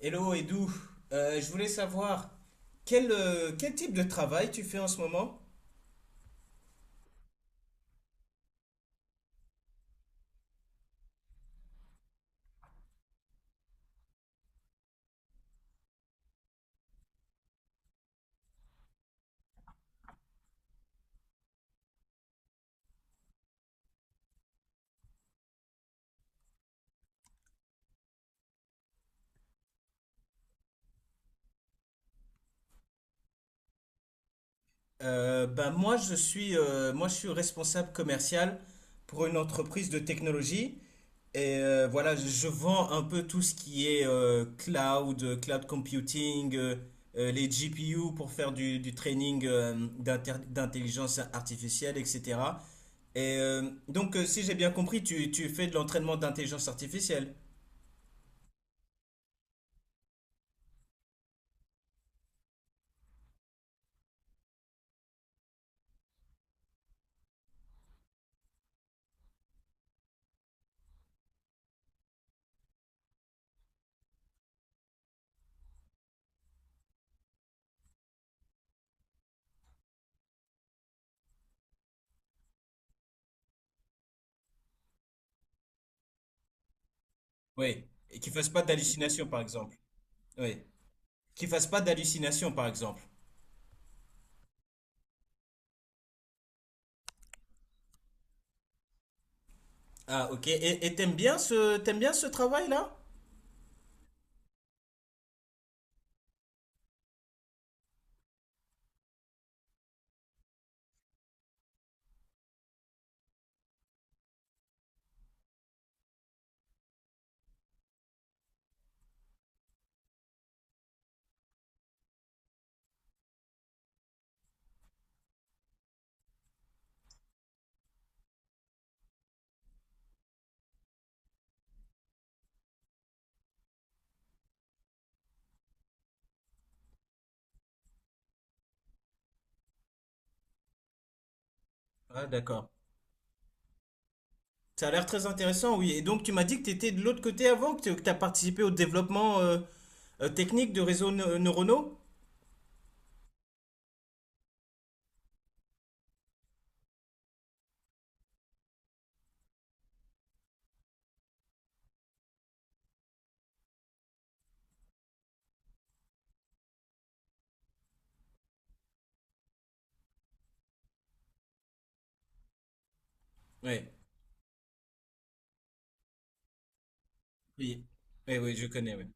Hello Edou. Je voulais savoir quel, quel type de travail tu fais en ce moment? Bah moi je suis responsable commercial pour une entreprise de technologie et voilà je vends un peu tout ce qui est cloud, cloud computing, les GPU pour faire du training d'intelligence artificielle etc. Et donc si j'ai bien compris tu fais de l'entraînement d'intelligence artificielle. Oui, et qu'il fasse pas d'hallucinations, par exemple. Oui, qu'il fasse pas d'hallucinations, par exemple. Ah, ok. Et t'aimes bien ce travail-là? Ah, d'accord. Ça a l'air très intéressant, oui. Et donc, tu m'as dit que tu étais de l'autre côté avant, que tu as participé au développement technique de réseaux neuronaux? Oui. Oui. Oui, oui, je connais, oui.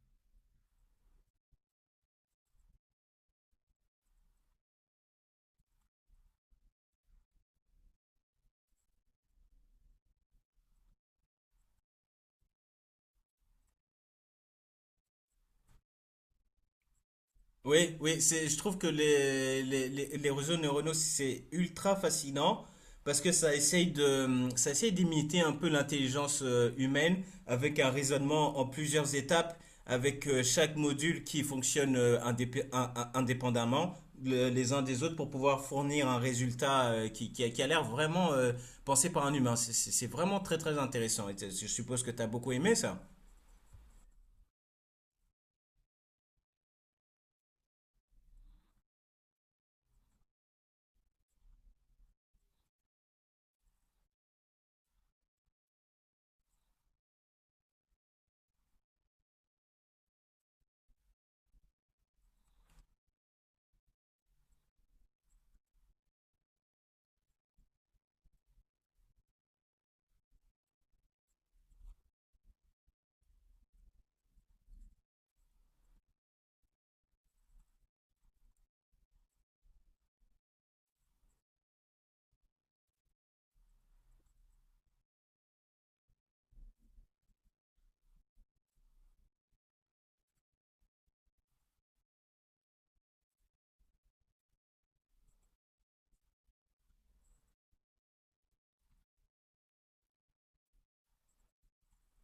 Oui, c'est, je trouve que les réseaux neuronaux, c'est ultra fascinant parce que ça essaye d'imiter un peu l'intelligence humaine avec un raisonnement en plusieurs étapes, avec chaque module qui fonctionne indépendamment les uns des autres pour pouvoir fournir un résultat qui a l'air vraiment pensé par un humain. C'est vraiment très très intéressant. Et je suppose que tu as beaucoup aimé ça.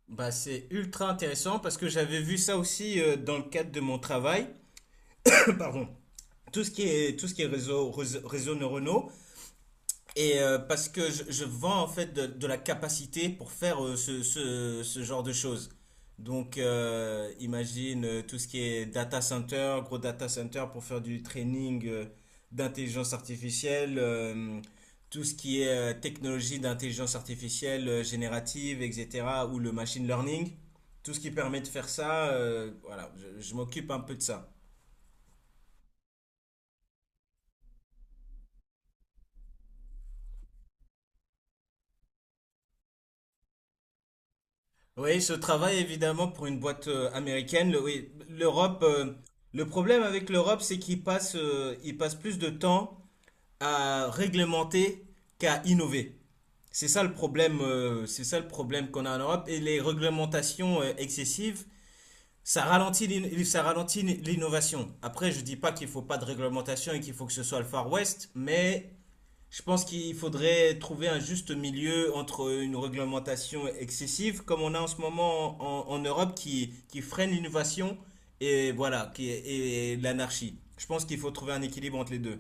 Bah, c'est ultra intéressant parce que j'avais vu ça aussi dans le cadre de mon travail. Pardon. Tout ce qui est réseaux neuronaux, et parce que je vends en fait de la capacité pour faire ce genre de choses. Donc, imagine tout ce qui est data center, gros data center pour faire du training d'intelligence artificielle, tout ce qui est technologie d'intelligence artificielle générative, etc., ou le machine learning, tout ce qui permet de faire ça, voilà, je m'occupe un peu de ça. Oui, ce travail évidemment pour une boîte américaine. Oui, l'Europe, le problème avec l'Europe, c'est qu'ils passent, ils passent plus de temps à réglementer qu'à innover. C'est ça le problème, c'est ça le problème qu'on a en Europe. Et les réglementations excessives, ça ralentit l'innovation. Après, je dis pas qu'il faut pas de réglementation et qu'il faut que ce soit le Far West, mais je pense qu'il faudrait trouver un juste milieu entre une réglementation excessive, comme on a en ce moment en Europe, qui freine l'innovation et voilà, et l'anarchie. Je pense qu'il faut trouver un équilibre entre les deux.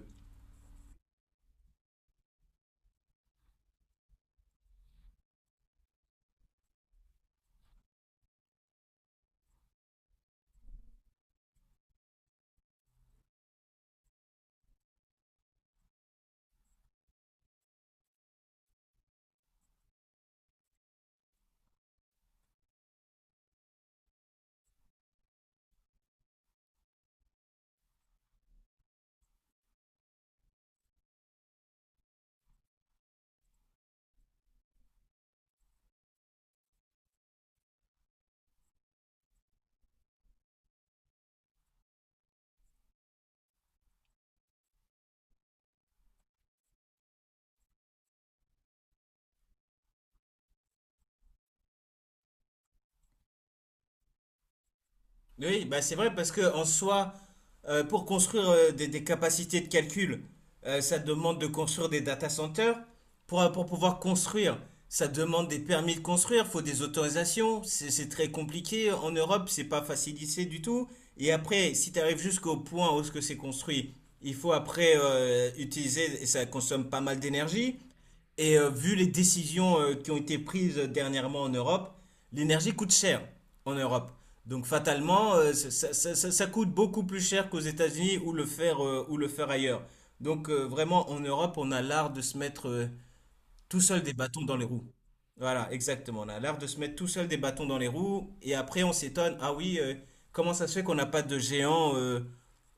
Oui, bah c'est vrai parce que en soi, pour construire des capacités de calcul, ça demande de construire des data centers. Pour pouvoir construire, ça demande des permis de construire, faut des autorisations. C'est très compliqué. En Europe, c'est pas facilité du tout. Et après, si tu arrives jusqu'au point où ce que c'est construit, il faut après utiliser, et ça consomme pas mal d'énergie. Et vu les décisions qui ont été prises dernièrement en Europe, l'énergie coûte cher en Europe. Donc fatalement, coûte beaucoup plus cher qu'aux États-Unis ou le faire ailleurs. Donc vraiment, en Europe, on a l'art de se mettre tout seul des bâtons dans les roues. Voilà, exactement. On a l'art de se mettre tout seul des bâtons dans les roues et après on s'étonne, ah oui, comment ça se fait qu'on n'a pas de géants euh,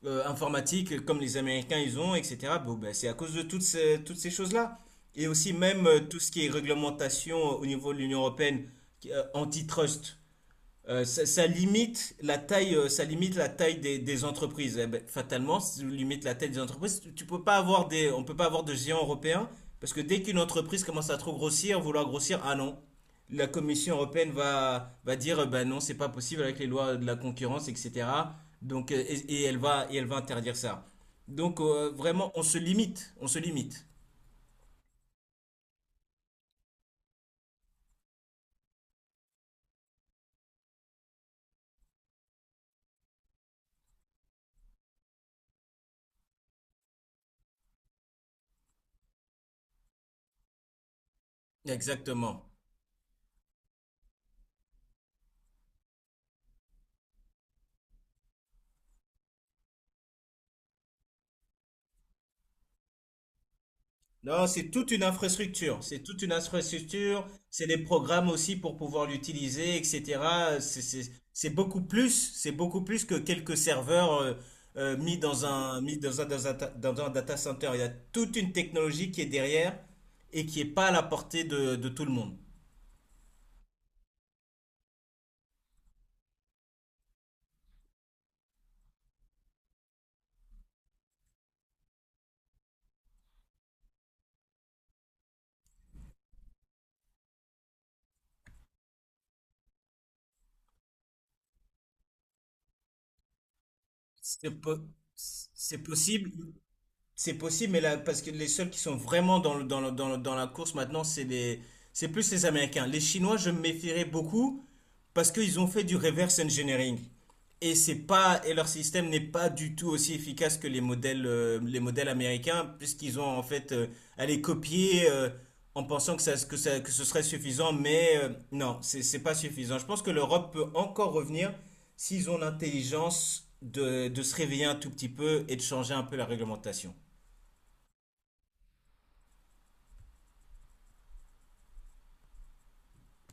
euh, informatiques comme les Américains ils ont, etc. Bon, ben, c'est à cause de toutes ces choses-là. Et aussi même tout ce qui est réglementation au niveau de l'Union européenne, antitrust. Ça ça limite la taille, ça limite la taille des entreprises. Eh ben, fatalement, si tu limites la taille des entreprises, tu peux pas avoir des, on peut pas avoir de géants européens parce que dès qu'une entreprise commence à trop grossir, vouloir grossir, ah non, la Commission européenne va dire, bah non, c'est pas possible avec les lois de la concurrence, etc. Donc, et elle et elle va interdire ça. Donc, vraiment, on se limite, on se limite. Exactement. Non, c'est toute une infrastructure. C'est toute une infrastructure. C'est des programmes aussi pour pouvoir l'utiliser, etc. C'est beaucoup plus. C'est beaucoup plus que quelques serveurs mis dans un dans un data center. Il y a toute une technologie qui est derrière et qui est pas à la portée de tout le monde. C'est po- c'est possible. C'est possible, mais là, parce que les seuls qui sont vraiment dans la course maintenant, c'est plus les Américains. Les Chinois, je me méfierais beaucoup parce qu'ils ont fait du reverse engineering. Et c'est pas, et leur système n'est pas du tout aussi efficace que les modèles américains, puisqu'ils ont en fait à les copier en pensant que que ce serait suffisant, mais non, c'est pas suffisant. Je pense que l'Europe peut encore revenir s'ils ont l'intelligence de se réveiller un tout petit peu et de changer un peu la réglementation.